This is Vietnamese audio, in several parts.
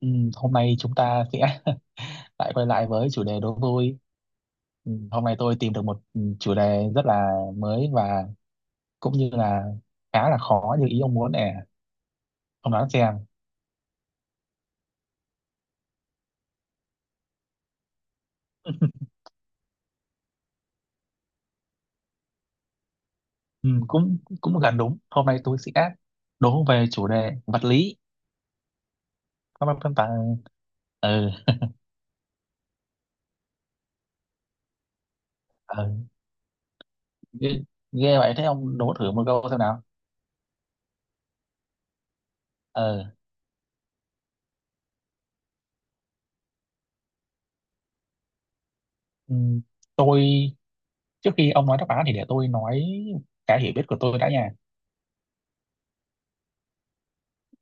Ừ, hôm nay chúng ta sẽ lại quay lại với chủ đề đố vui. Ừ, hôm nay tôi tìm được một chủ đề rất là mới và cũng như là khá là khó như ý ông muốn nè. Ông đoán xem. Ừ, cũng cũng gần đúng. Hôm nay tôi sẽ đố về chủ đề vật lý. Các bạn phân tán. Ừ, ừ. Ghê, ghê vậy thế ông đố thử một câu xem nào. Ừ. Ừ, tôi trước khi ông nói đáp án thì để tôi nói cái hiểu biết của tôi đã nha.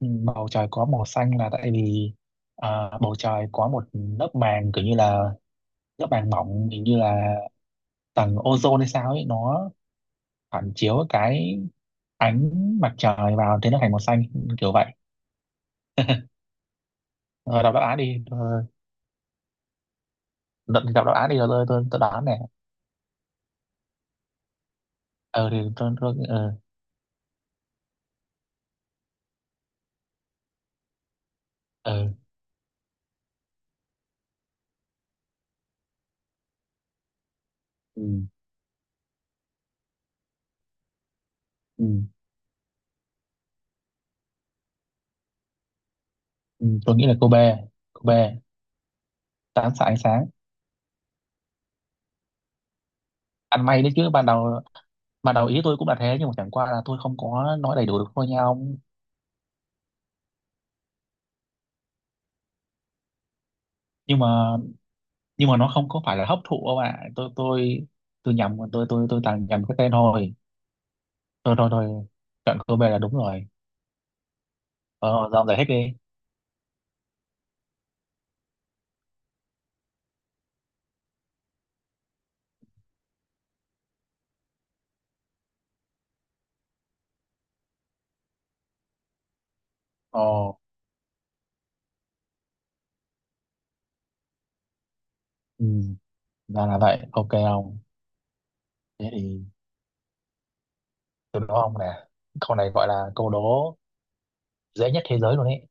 Ừ, bầu trời có màu xanh là tại vì bầu trời có một lớp màng kiểu như là lớp màng mỏng hình như là tầng ozone hay sao ấy, nó phản chiếu cái ánh mặt trời vào, thế nó thành màu xanh kiểu vậy. Ờ, đọc đáp án đi. Ờ, đọc, đọc đáp án đi rồi tôi đoán này. Ờ thì tôi ờ ờ ừ, ừ, ừ, tôi nghĩ là cô B. Cô B, tán xạ ánh sáng. Ăn may đấy chứ, ban đầu, ban đầu ý tôi cũng là thế, nhưng mà chẳng qua là tôi không có nói đầy đủ được thôi nha ông. Nhưng mà, nhưng mà nó không có phải là hấp thụ đâu ạ. Tôi nhầm, tôi toàn nhầm cái tên thôi. Thôi thôi thôi, cận Kobe là đúng rồi. Ờ dòng giải thích đi. Ồ. Ừ, ra là vậy, ok ông. Thế thì tôi đố ông nè, câu này gọi là câu đố dễ nhất thế giới luôn ấy.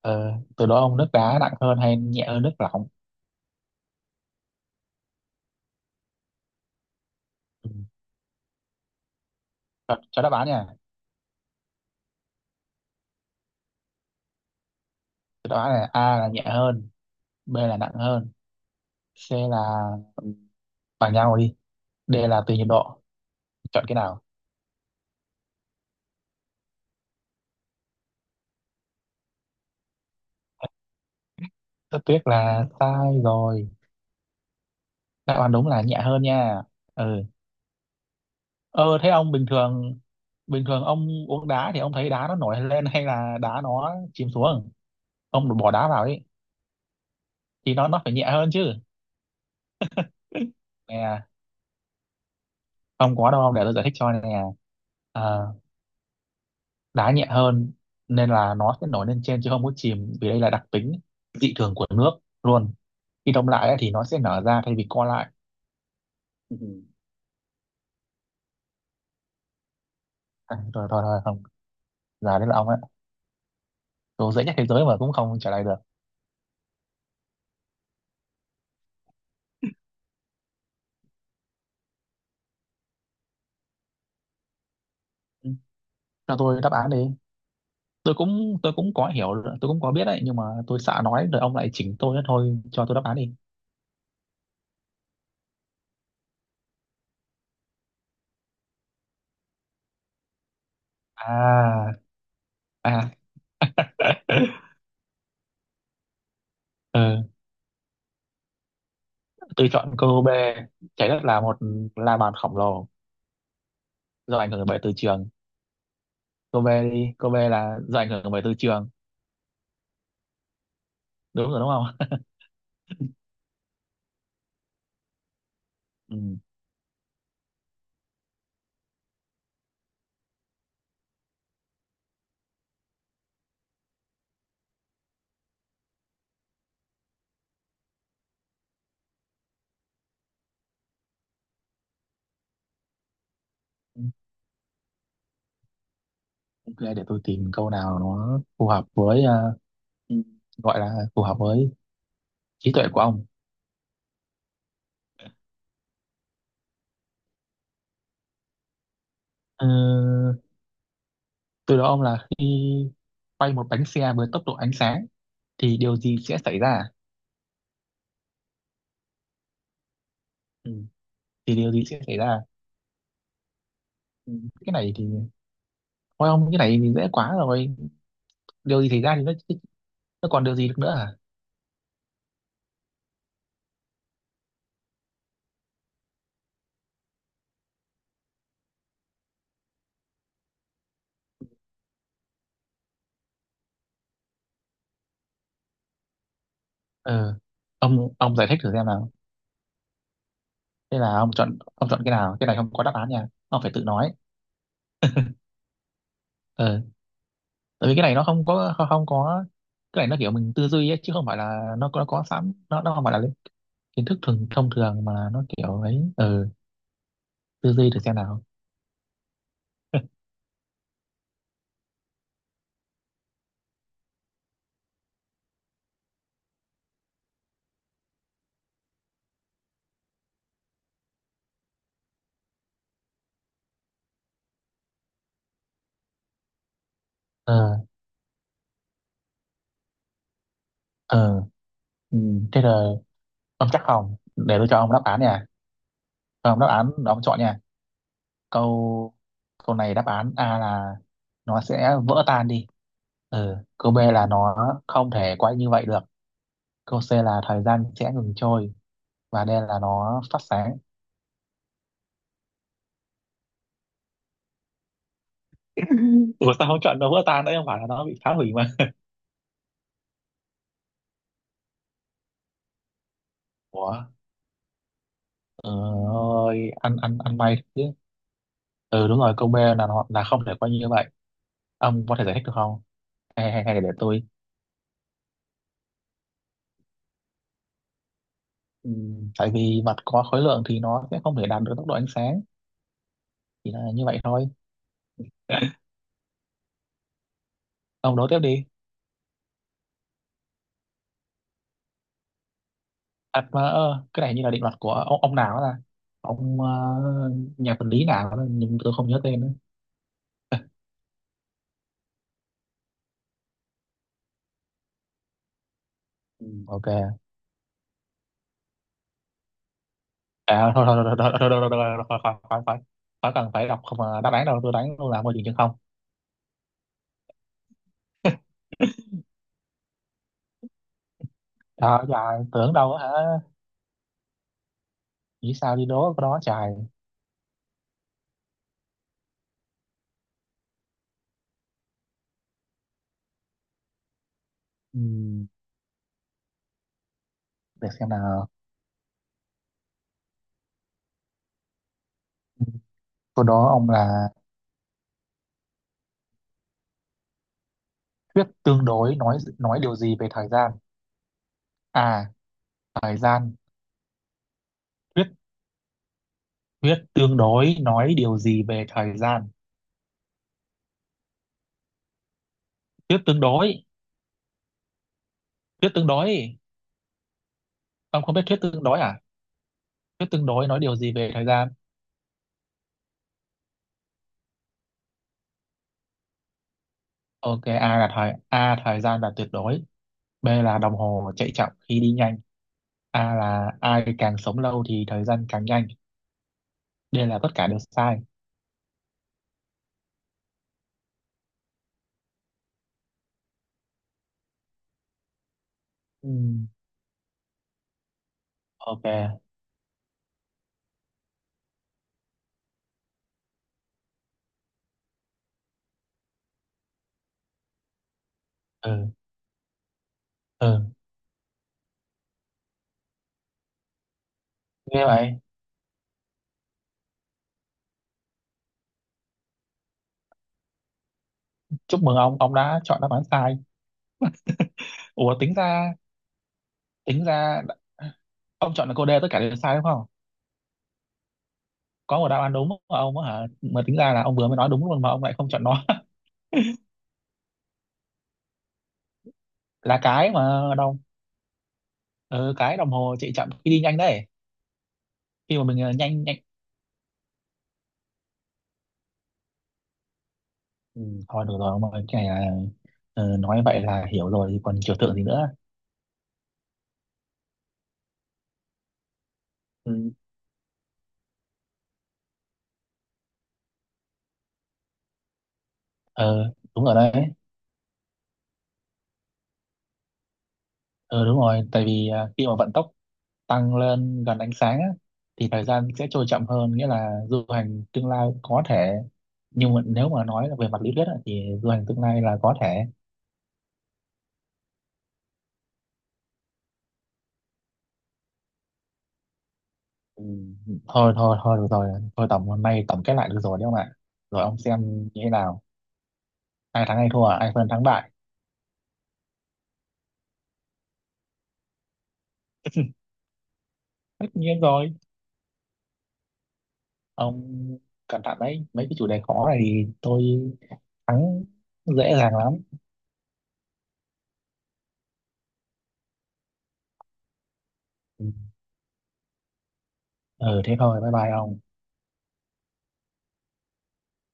Ờ, tôi đố ông, nước đá nặng hơn hay nhẹ hơn nước lỏng? Ừ. Cho đáp án nha. Cho đáp án là A là nhẹ hơn, B là nặng hơn, C là ừ, bằng nhau đi, D là tùy nhiệt độ, chọn cái nào? Rất tiếc là sai rồi. Đạo Hoàn đúng là nhẹ hơn nha. Ừ. Ờ thế ông bình thường, bình thường ông uống đá thì ông thấy đá nó nổi lên hay là đá nó chìm xuống? Ông bỏ đá vào ấy thì nó phải nhẹ hơn chứ. Nè, không có đâu, để tôi giải thích cho nè. Ờ, đá nhẹ hơn nên là nó sẽ nổi lên trên chứ không có chìm, vì đây là đặc tính dị thường của nước luôn. Khi đông lại ấy, thì nó sẽ nở ra thay vì co lại. Ừ. À, thôi thôi thôi không, giờ đến là ông ấy. Tôi dễ nhất thế giới mà cũng không trả lời được. Ừ, cho tôi đáp án đi. Tôi cũng có hiểu, tôi cũng có biết đấy, nhưng mà tôi sợ nói rồi ông lại chỉnh tôi đó thôi, cho tôi đáp án đi. À. À. Ừ, tôi chọn câu B, trái đất là một la bàn khổng lồ, do ảnh hưởng bởi từ trường. Câu B đi, câu B là do ảnh hưởng bởi từ trường, đúng rồi đúng không? Ừ. Ok, để tôi tìm câu nào nó phù hợp với ừ, gọi là phù hợp với trí tuệ của ông. ừ, Từ đó ông là khi quay một bánh xe với tốc độ ánh sáng thì điều gì sẽ xảy ra? Ừ. Thì điều gì sẽ xảy ra? Ừ, cái này thì thôi ông, cái này thì dễ quá rồi, điều gì xảy ra thì nó còn điều gì được nữa à? Ờ. Ông giải thích thử xem nào. Thế là ông chọn, ông chọn cái nào? Cái này không có đáp án nha, ông phải tự nói. Ờ, tại vì cái này nó không có, không có, cái này nó kiểu mình tư duy ấy, chứ không phải là nó có sẵn, nó không phải là kiến thức thông thường, mà nó kiểu ấy. Ờ Tư duy thử xem nào. ờ ờ ừ. Thế là ông chắc không, để tôi cho ông đáp án nha. Cho ông đáp án, ông chọn nha. Câu câu này đáp án A là nó sẽ vỡ tan đi, ừ, câu B là nó không thể quay như vậy được, câu C là thời gian sẽ ngừng trôi, và D là nó phát sáng. Ủa sao không chọn nó vỡ tan, đấy không phải là nó bị phá hủy mà? Ủa. Ừ, ơi, ăn ăn ăn may chứ. Ừ, đúng rồi, câu B là nó là không thể quay như vậy. Ông có thể giải thích được không, hay hay, hay để tôi? Ừ, tại vì vật có khối lượng thì nó sẽ không thể đạt được tốc độ ánh sáng, chỉ là như vậy thôi. Ông đố tiếp đi. À mà ờ, cái này như là định luật của ông nào đó, là ông ờ, nhà vật lý nào đó, nhưng tôi không nhớ tên nữa. Ừ. Ok. À, thôi thôi thôi thôi thôi thôi thôi thôi thôi khỏi, khỏi khỏi khỏi cần phải đọc không mà đáp án đâu, tôi đánh luôn là môi trường chân không. Trời trời, tưởng đâu á hả? Nghĩ sao đi đố cái đó trời. Ừm, để xem nào. Ừ, câu đó ông là thuyết tương đối nói điều gì về thời gian? À, thời gian. Thuyết thuyết tương đối nói điều gì về thời gian? Thuyết tương đối, thuyết tương đối. Ông không biết thuyết tương đối à? Thuyết tương đối nói điều gì về thời gian? Ok, A thời gian là tuyệt đối, B là đồng hồ chạy chậm khi đi nhanh, A là ai càng sống lâu thì thời gian càng nhanh, D là tất cả đều sai. Ừ, ok, ừ, ừ. Nghe vậy, chúc mừng ông đã chọn đáp án sai. Ủa tính ra ông chọn là cô D tất cả đều sai đúng không? Có một đáp án đúng của ông á hả? Mà tính ra là ông vừa mới nói đúng luôn mà ông lại không chọn nó. Là cái mà đâu, ờ, cái đồng hồ chạy chậm khi đi nhanh đấy, khi mà mình ờ, nhanh nhanh. Ừ, thôi được rồi ông ơi, cái này là ờ, nói vậy là hiểu rồi thì còn trừu tượng gì nữa. Ừ. Ờ đúng rồi đấy. Ờ đúng rồi, tại vì ờ, khi mà vận tốc tăng lên gần ánh sáng á, thì thời gian sẽ trôi chậm hơn, nghĩa là du hành tương lai có thể, nhưng mà nếu mà nói là về mặt lý thuyết á, thì du hành tương lai là có thể. Ừ. Thôi thôi thôi được rồi, thôi tổng, hôm nay tổng kết lại được rồi đấy ông ạ. Rồi ông xem như thế nào, ai thắng ai thua, ai phân thắng bại? Tất nhiên rồi. Ông cẩn thận đấy, mấy cái chủ đề khó này thì tôi thắng dễ dàng lắm. Ừ thế thôi, bye bye ông.